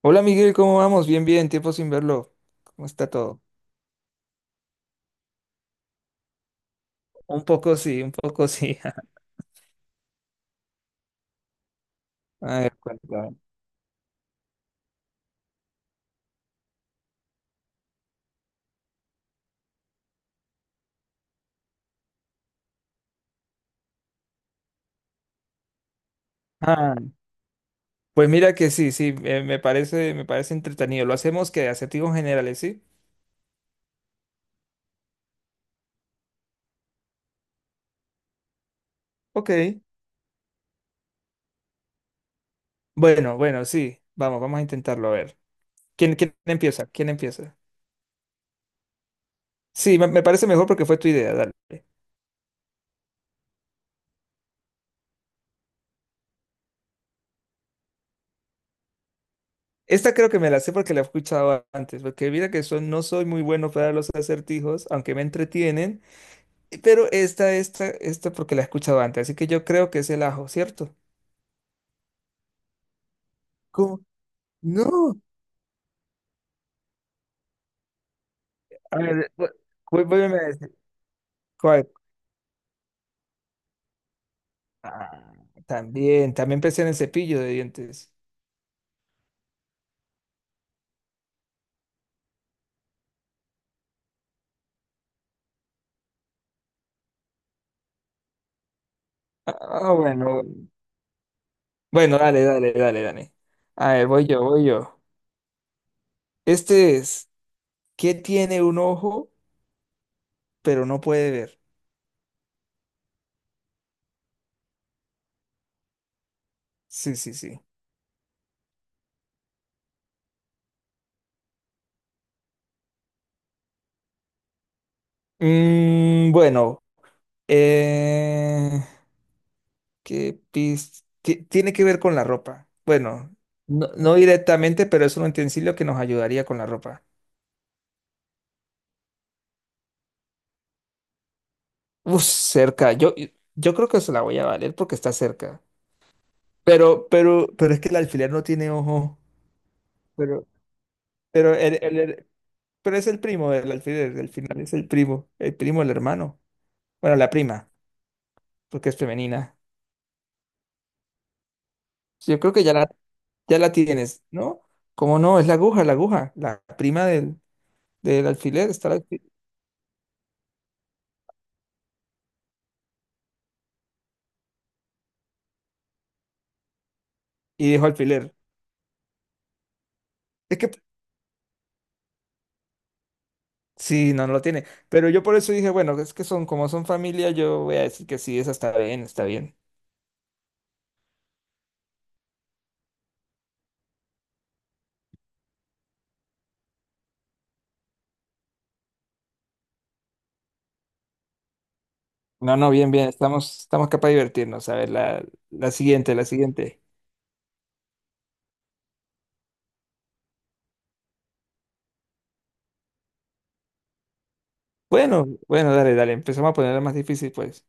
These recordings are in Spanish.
Hola Miguel, ¿cómo vamos? Bien, bien, tiempo sin verlo. ¿Cómo está todo? Un poco sí, un poco sí. A ver, cuéntame. Ah, pues mira que sí, sí, me parece entretenido. Lo hacemos que acertijos generales, ¿sí? Ok. Bueno, bueno, sí. Vamos, vamos a intentarlo, a ver. ¿Quién empieza? ¿Quién empieza? Sí, me parece mejor porque fue tu idea, dale. Esta creo que me la sé porque la he escuchado antes, porque mira que son, no soy muy bueno para los acertijos, aunque me entretienen. Pero esta porque la he escuchado antes, así que yo creo que es el ajo, ¿cierto? ¿Cómo? No. A ver, vuélveme a decir. ¿Cuál? Ah, también, también pensé en el cepillo de dientes. Ah, bueno. Bueno, dale, dale, dale, dale. A ver, voy yo, voy yo. Este es, ¿qué tiene un ojo pero no puede ver? Sí, sí, sí. Mm, bueno, eh, Tiene que ver con la ropa. Bueno, no, no directamente, pero es un utensilio que nos ayudaría con la ropa. Uf, cerca. Yo creo que se la voy a valer porque está cerca. Pero es que el alfiler no tiene ojo. Pero, pero, pero es el primo del alfiler. Al final es el primo. El primo, el hermano. Bueno, la prima, porque es femenina. Yo creo que ya la tienes, ¿no? ¿Cómo no? Es la aguja, la aguja. Del alfiler. Y dijo alfiler. Es que sí, no, no lo tiene. Pero yo por eso dije, bueno, es que son como son familia, yo voy a decir que sí, esa está bien, está bien. No, no, bien, bien, estamos, estamos capaz de divertirnos. A ver, la siguiente, la siguiente. Bueno, bueno, dale, dale, empezamos a ponerla más difícil, pues.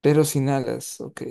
Pero sin alas, ok.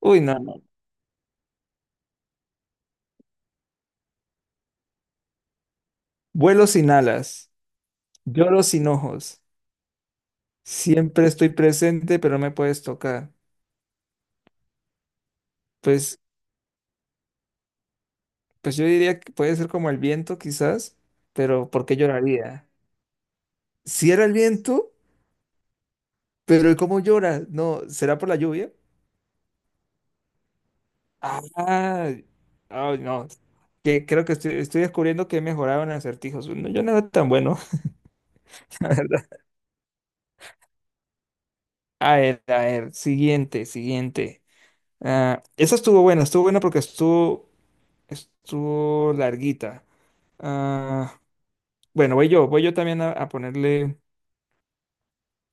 Uy, no, no. Vuelo sin alas, lloro sin ojos, siempre estoy presente, pero no me puedes tocar. Pues, pues yo diría que puede ser como el viento, quizás, pero ¿por qué lloraría? Si era el viento. Pero ¿y cómo llora? No, ¿será por la lluvia? Ah, ay, no. Que creo que estoy, estoy descubriendo que he mejorado en acertijos. No, yo no era tan bueno, la verdad. A ver, siguiente, siguiente. Ah, esa estuvo buena porque estuvo, estuvo larguita. Ah, bueno, voy yo también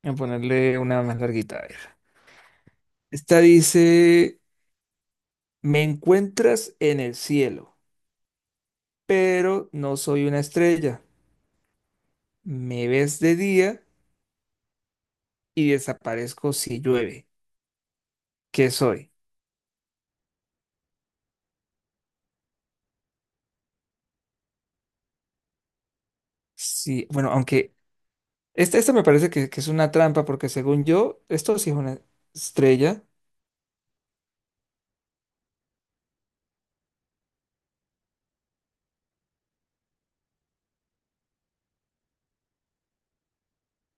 a ponerle una más larguita. A ver. Esta dice, me encuentras en el cielo, pero no soy una estrella. Me ves de día y desaparezco si llueve. ¿Qué soy? Sí, bueno, aunque esta me parece que es una trampa porque según yo, esto sí es una estrella.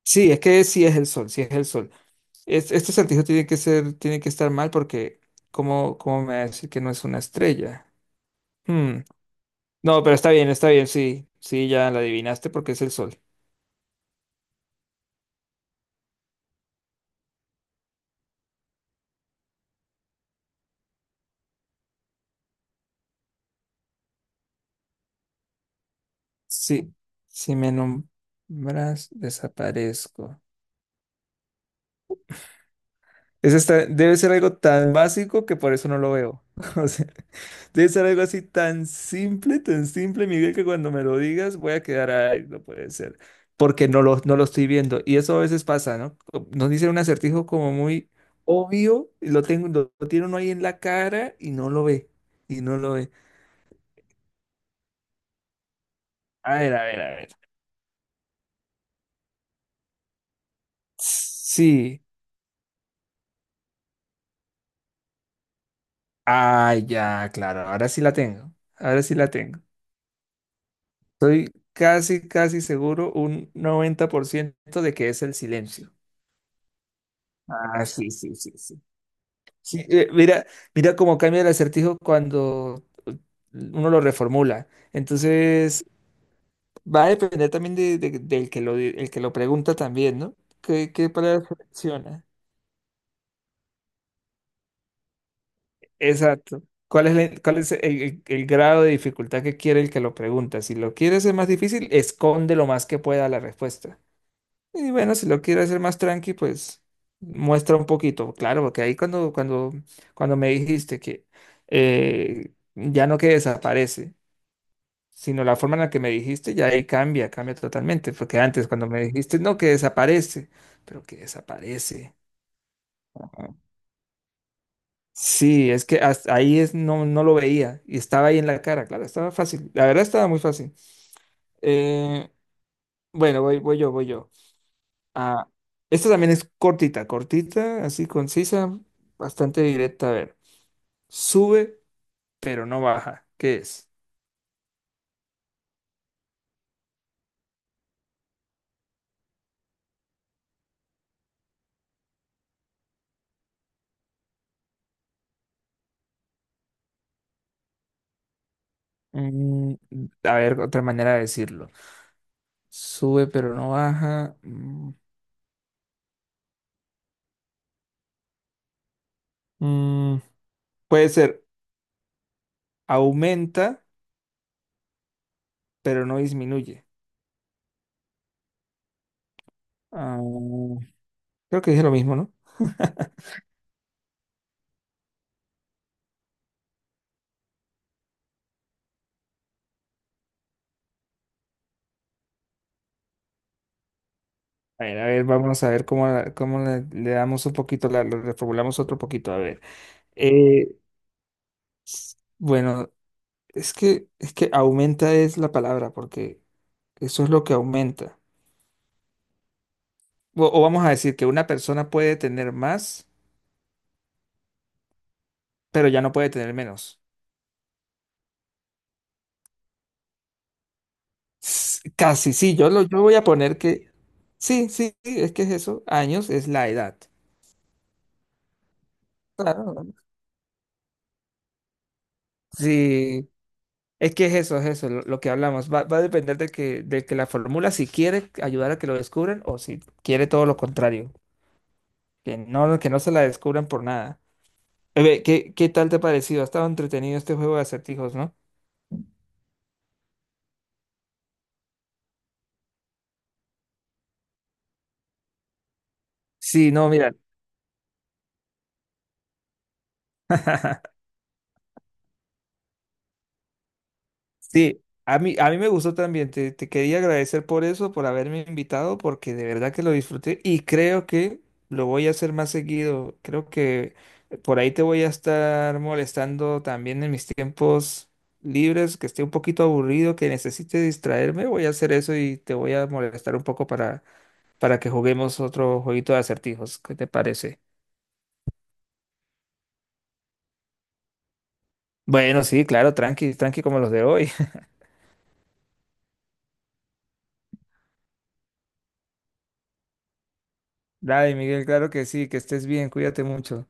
Sí, es que sí es el sol, sí es el sol. Este acertijo tiene que ser, tiene que estar mal porque ¿cómo, cómo me va a decir que no es una estrella? Hmm, no, pero está bien, sí, sí, ya la adivinaste porque es el sol. Sí, si me nombras, desaparezco. Debe ser algo tan básico que por eso no lo veo. O sea, debe ser algo así tan simple, Miguel, que cuando me lo digas voy a quedar, ay, no puede ser, porque no lo estoy viendo. Y eso a veces pasa, ¿no? Nos dicen un acertijo como muy obvio, y lo tiene uno ahí en la cara y no lo ve, y no lo ve. A ver, a ver, a ver. Sí. Ah, ya, claro, ahora sí la tengo. Ahora sí la tengo. Estoy casi, casi seguro, un 90% de que es el silencio. Ah, sí, sí, sí, sí. Sí, mira, mira cómo cambia el acertijo cuando uno lo reformula. Entonces, va a depender también del que lo, el que lo pregunta también, ¿no? ¿Qué, qué palabra selecciona? Exacto. ¿Cuál es el grado de dificultad que quiere el que lo pregunta? Si lo quiere hacer más difícil, esconde lo más que pueda la respuesta. Y bueno, si lo quiero hacer más tranqui, pues muestra un poquito, claro, porque ahí cuando, cuando, cuando me dijiste que ya no que desaparece, sino la forma en la que me dijiste, ya ahí cambia, cambia totalmente, porque antes cuando me dijiste no que desaparece, pero que desaparece. Ajá. Sí, es que hasta ahí es, no, no lo veía y estaba ahí en la cara, claro, estaba fácil, la verdad estaba muy fácil. Eh, bueno, voy, voy yo, voy yo. Ah, esta también es cortita, cortita, así concisa, bastante directa. A ver, sube, pero no baja. ¿Qué es? Mm, a ver, otra manera de decirlo. Sube, pero no baja. Mm, mm, puede ser aumenta, pero no disminuye. Ah, creo que dije lo mismo, ¿no? A ver, vamos a ver cómo, cómo le, le damos un poquito, la, lo reformulamos otro poquito. A ver, eh, bueno. Es que aumenta es la palabra, porque eso es lo que aumenta. O vamos a decir que una persona puede tener más, pero ya no puede tener menos. Casi, sí, yo, lo, yo voy a poner que... Sí, sí, sí, es que es eso. Años es la edad. Claro. Sí, es que es eso, lo que hablamos. Va, va a depender de que la fórmula, si quiere ayudar a que lo descubran o si quiere todo lo contrario, que no se la descubran por nada. A ver, ¿qué, qué tal te ha parecido? Ha estado entretenido este juego de acertijos, ¿no? Sí, no, mira. Sí, a mí me gustó también. Te quería agradecer por eso, por haberme invitado, porque de verdad que lo disfruté y creo que lo voy a hacer más seguido. Creo que por ahí te voy a estar molestando también en mis tiempos libres, que esté un poquito aburrido, que necesite distraerme. Voy a hacer eso y te voy a molestar un poco para que juguemos otro jueguito de acertijos. ¿Qué te parece? Bueno, sí, claro, tranqui, tranqui como los de hoy. Dale, Miguel, claro que sí, que estés bien, cuídate mucho.